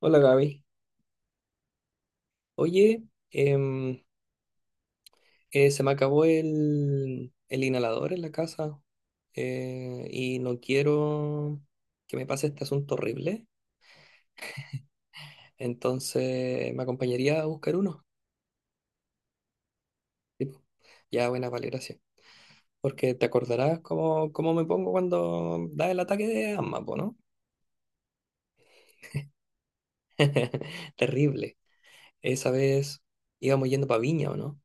Hola, Gaby. Oye, em, se me acabó el inhalador en la casa, y no quiero que me pase este asunto horrible. Entonces, ¿me acompañaría a buscar uno? Tipo, ya, buena, vale, gracias. Porque te acordarás cómo me pongo cuando da el ataque de asma, po, ¿no? Terrible. Esa vez íbamos yendo para Viña, ¿o no?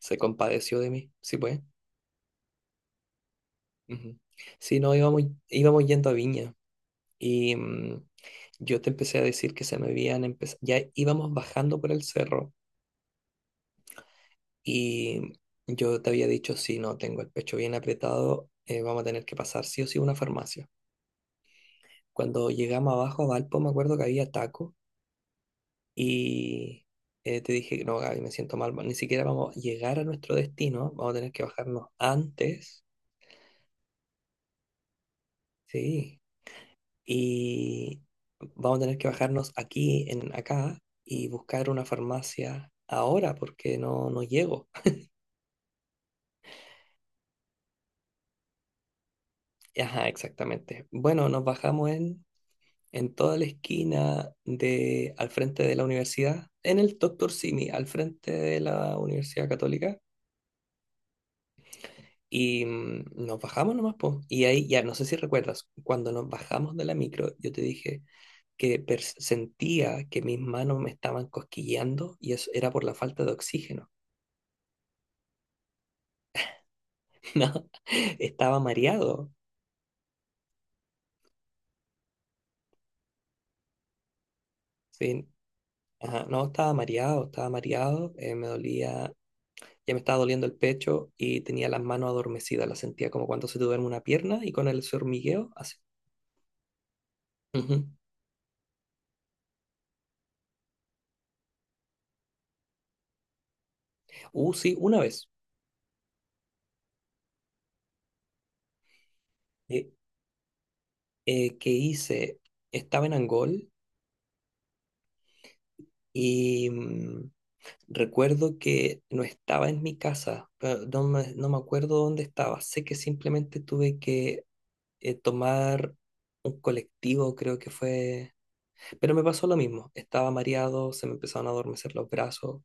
Se compadeció de mí, sí, pues. Ujú. Sí, no, íbamos yendo a Viña. Y yo te empecé a decir que se me habían empezado, ya íbamos bajando por el cerro y yo te había dicho, si no tengo el pecho bien apretado, vamos a tener que pasar sí o sí a una farmacia. Cuando llegamos abajo a Valpo, me acuerdo que había taco y te dije, no, Gaby, me siento mal, ni siquiera vamos a llegar a nuestro destino, vamos a tener que bajarnos antes. Sí. Y vamos a tener que bajarnos aquí, en acá, y buscar una farmacia ahora porque no llego. Ajá, exactamente. Bueno, nos bajamos en toda la esquina de, al frente de la universidad, en el Doctor Simi, al frente de la Universidad Católica. Y nos bajamos nomás, po. Y ahí ya, no sé si recuerdas, cuando nos bajamos de la micro, yo te dije que sentía que mis manos me estaban cosquilleando y eso era por la falta de oxígeno. No, estaba mareado. Sí, ajá, no, estaba mareado, estaba mareado. Me dolía, ya me estaba doliendo el pecho y tenía las manos adormecidas. Las sentía como cuando se te duerme una pierna y con el ese hormigueo, así. Ujú. Sí, una vez eh, que hice, estaba en Angol y recuerdo que no estaba en mi casa, pero no me acuerdo dónde estaba. Sé que simplemente tuve que tomar un colectivo, creo que fue. Pero me pasó lo mismo, estaba mareado, se me empezaron a adormecer los brazos,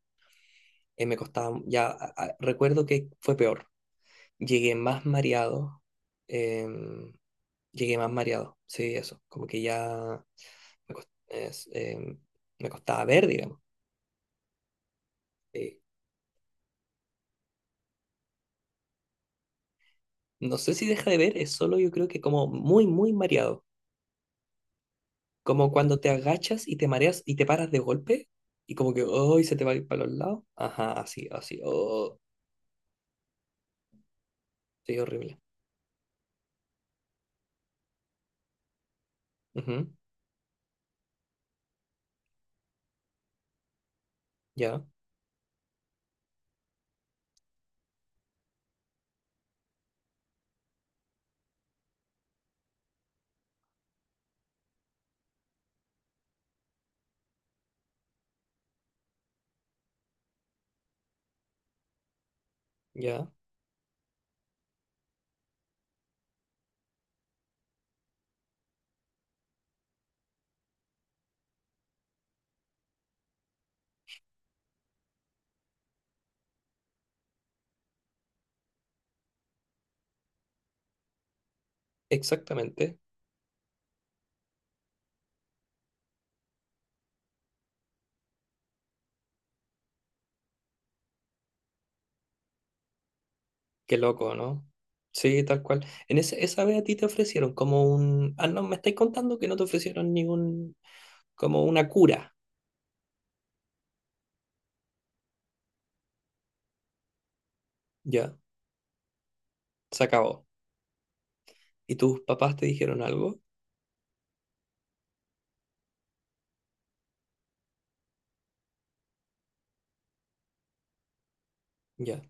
me costaba, ya recuerdo que fue peor, llegué más mareado, em, llegué más mareado, sí, eso, como que ya me, cos- es, em, me costaba ver, digamos. eh, no sé si deja de ver, es solo yo creo que como muy, muy mareado, como cuando te agachas y te mareas y te paras de golpe y como que, oh, se te va a ir para los lados, ajá, así, así, oh, sí, horrible. Ujú, ya, ya. Exactamente. Qué loco, ¿no? Sí, tal cual. En esa vez a ti te ofrecieron como un... Ah, no, me estáis contando que no te ofrecieron ningún... como una cura. Ya, se acabó. ¿Y tus papás te dijeron algo? Ya,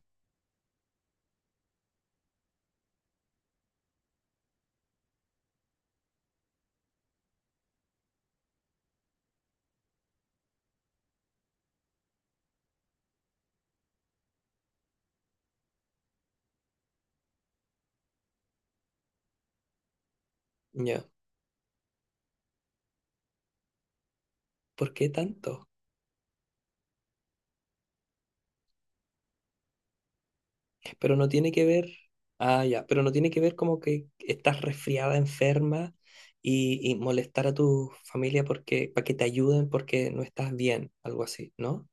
ya. ¿Por qué tanto? Pero no tiene que ver... Ah, ya, pero no tiene que ver como que estás resfriada, enferma y molestar a tu familia porque, para que te ayuden porque no estás bien, algo así, ¿no?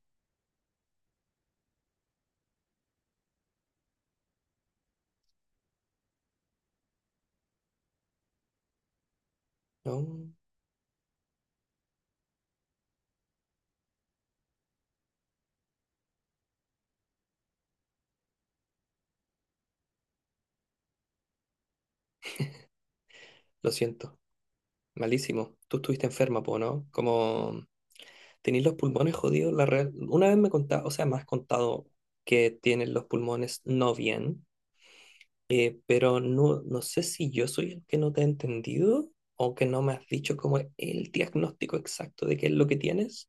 No, lo siento. Malísimo. Tú estuviste enferma, po, ¿no? Como tenéis los pulmones jodidos, la real... Una vez me contaste, o sea, me has contado que tienes los pulmones no bien, pero no, no sé si yo soy el que no te he entendido o que no me has dicho como el diagnóstico exacto de qué es lo que tienes.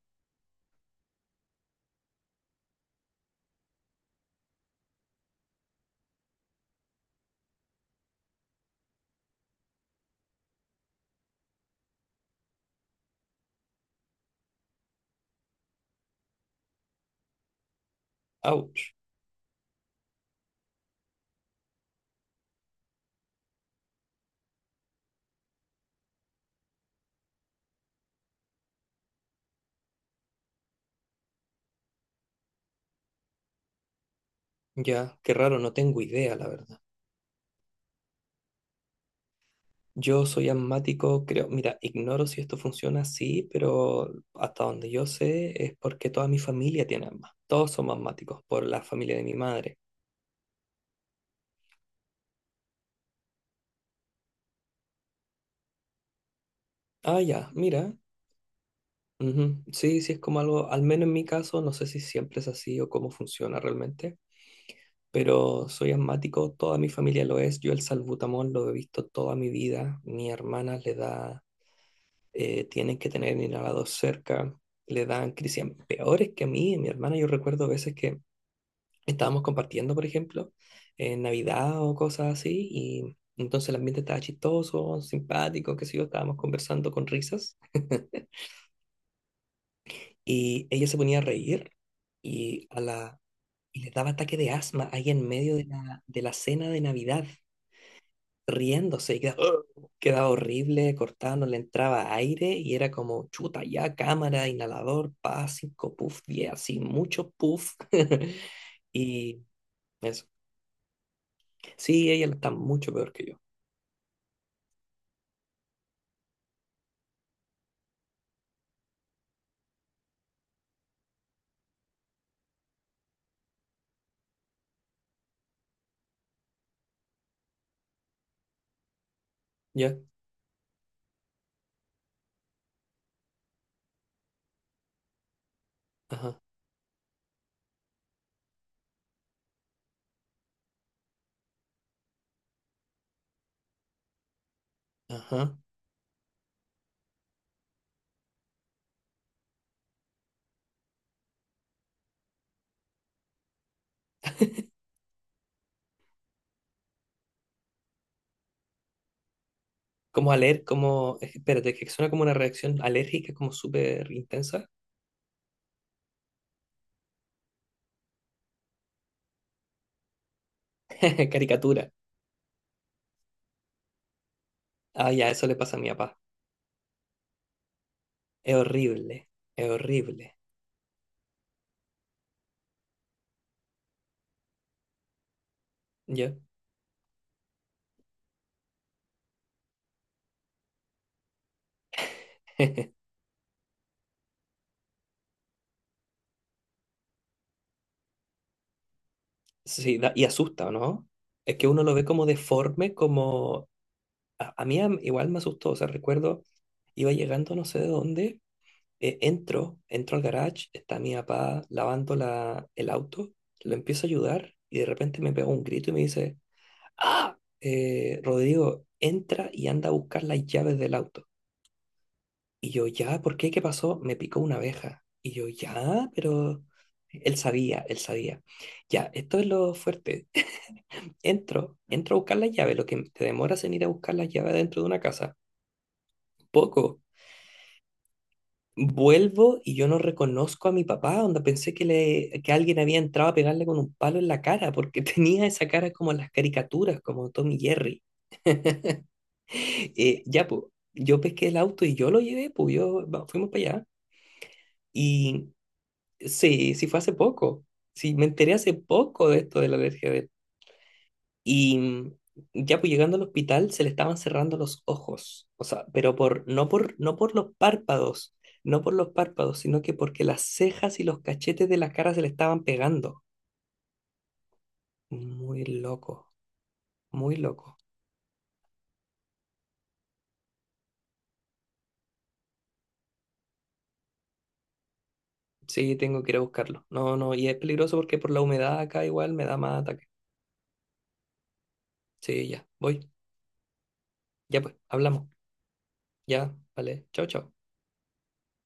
Ouch. Ya, qué raro, no tengo idea, la verdad. Yo soy asmático, creo, mira, ignoro si esto funciona así, pero hasta donde yo sé es porque toda mi familia tiene asma. Todos somos asmáticos por la familia de mi madre. Ah, ya, mira. Ujú, sí, sí, es como algo, al menos en mi caso, no sé si siempre es así o cómo funciona realmente, pero soy asmático, toda mi familia lo es. Yo el salbutamol lo he visto toda mi vida. Mi hermana le da, tienen que tener inhalador cerca, le dan crisis peores que a mí. Mi hermana, yo recuerdo veces que estábamos compartiendo, por ejemplo, en Navidad o cosas así, y entonces el ambiente estaba chistoso, simpático, qué sé yo, estábamos conversando con risas, y ella se ponía a reír y, a la, y le daba ataque de asma ahí en medio de de la cena de Navidad, riéndose, y quedaba, "Ugh", quedaba horrible, cortado, no le entraba aire, y era como chuta, ya, cámara, inhalador, pa, cinco, puff, diez, así, mucho puff. Y eso. Sí, ella está mucho peor que yo. ¿Ya? Ajá, ajá. Como espérate, que suena como una reacción alérgica, como súper intensa. Caricatura. Ah, ya, eso le pasa a mi papá. Es horrible, es horrible. ¿Ya? Sí, y asusta, ¿no? Es que uno lo ve como deforme, como... A mí igual me asustó, o sea, recuerdo, iba llegando no sé de dónde, entro al garage, está mi papá lavando el auto, lo empiezo a ayudar y de repente me pega un grito y me dice... ¡Ah! Rodrigo, entra y anda a buscar las llaves del auto. Y yo, ya, ¿por qué? ¿Qué pasó? Me picó una abeja. Y yo, ya, pero él sabía, él sabía. Ya, esto es lo fuerte. Entro a buscar las llaves, lo que te demoras en ir a buscar las llaves dentro de una casa. Poco. Vuelvo y yo no reconozco a mi papá, onda pensé que, le, que alguien había entrado a pegarle con un palo en la cara, porque tenía esa cara como en las caricaturas, como Tommy Jerry. Ya, pues, yo pesqué el auto y yo lo llevé, pues, fuimos para allá. Y sí, sí fue hace poco. Sí, me enteré hace poco de esto de la alergia de él. Y ya, pues, llegando al hospital se le estaban cerrando los ojos. O sea, pero por, no por los párpados, no por los párpados, sino que porque las cejas y los cachetes de la cara se le estaban pegando. Muy loco, muy loco. Sí, tengo que ir a buscarlo. No, no, y es peligroso porque por la humedad acá igual me da más ataque. Sí, ya, voy. Ya pues, hablamos. Ya, vale. Chao, chao.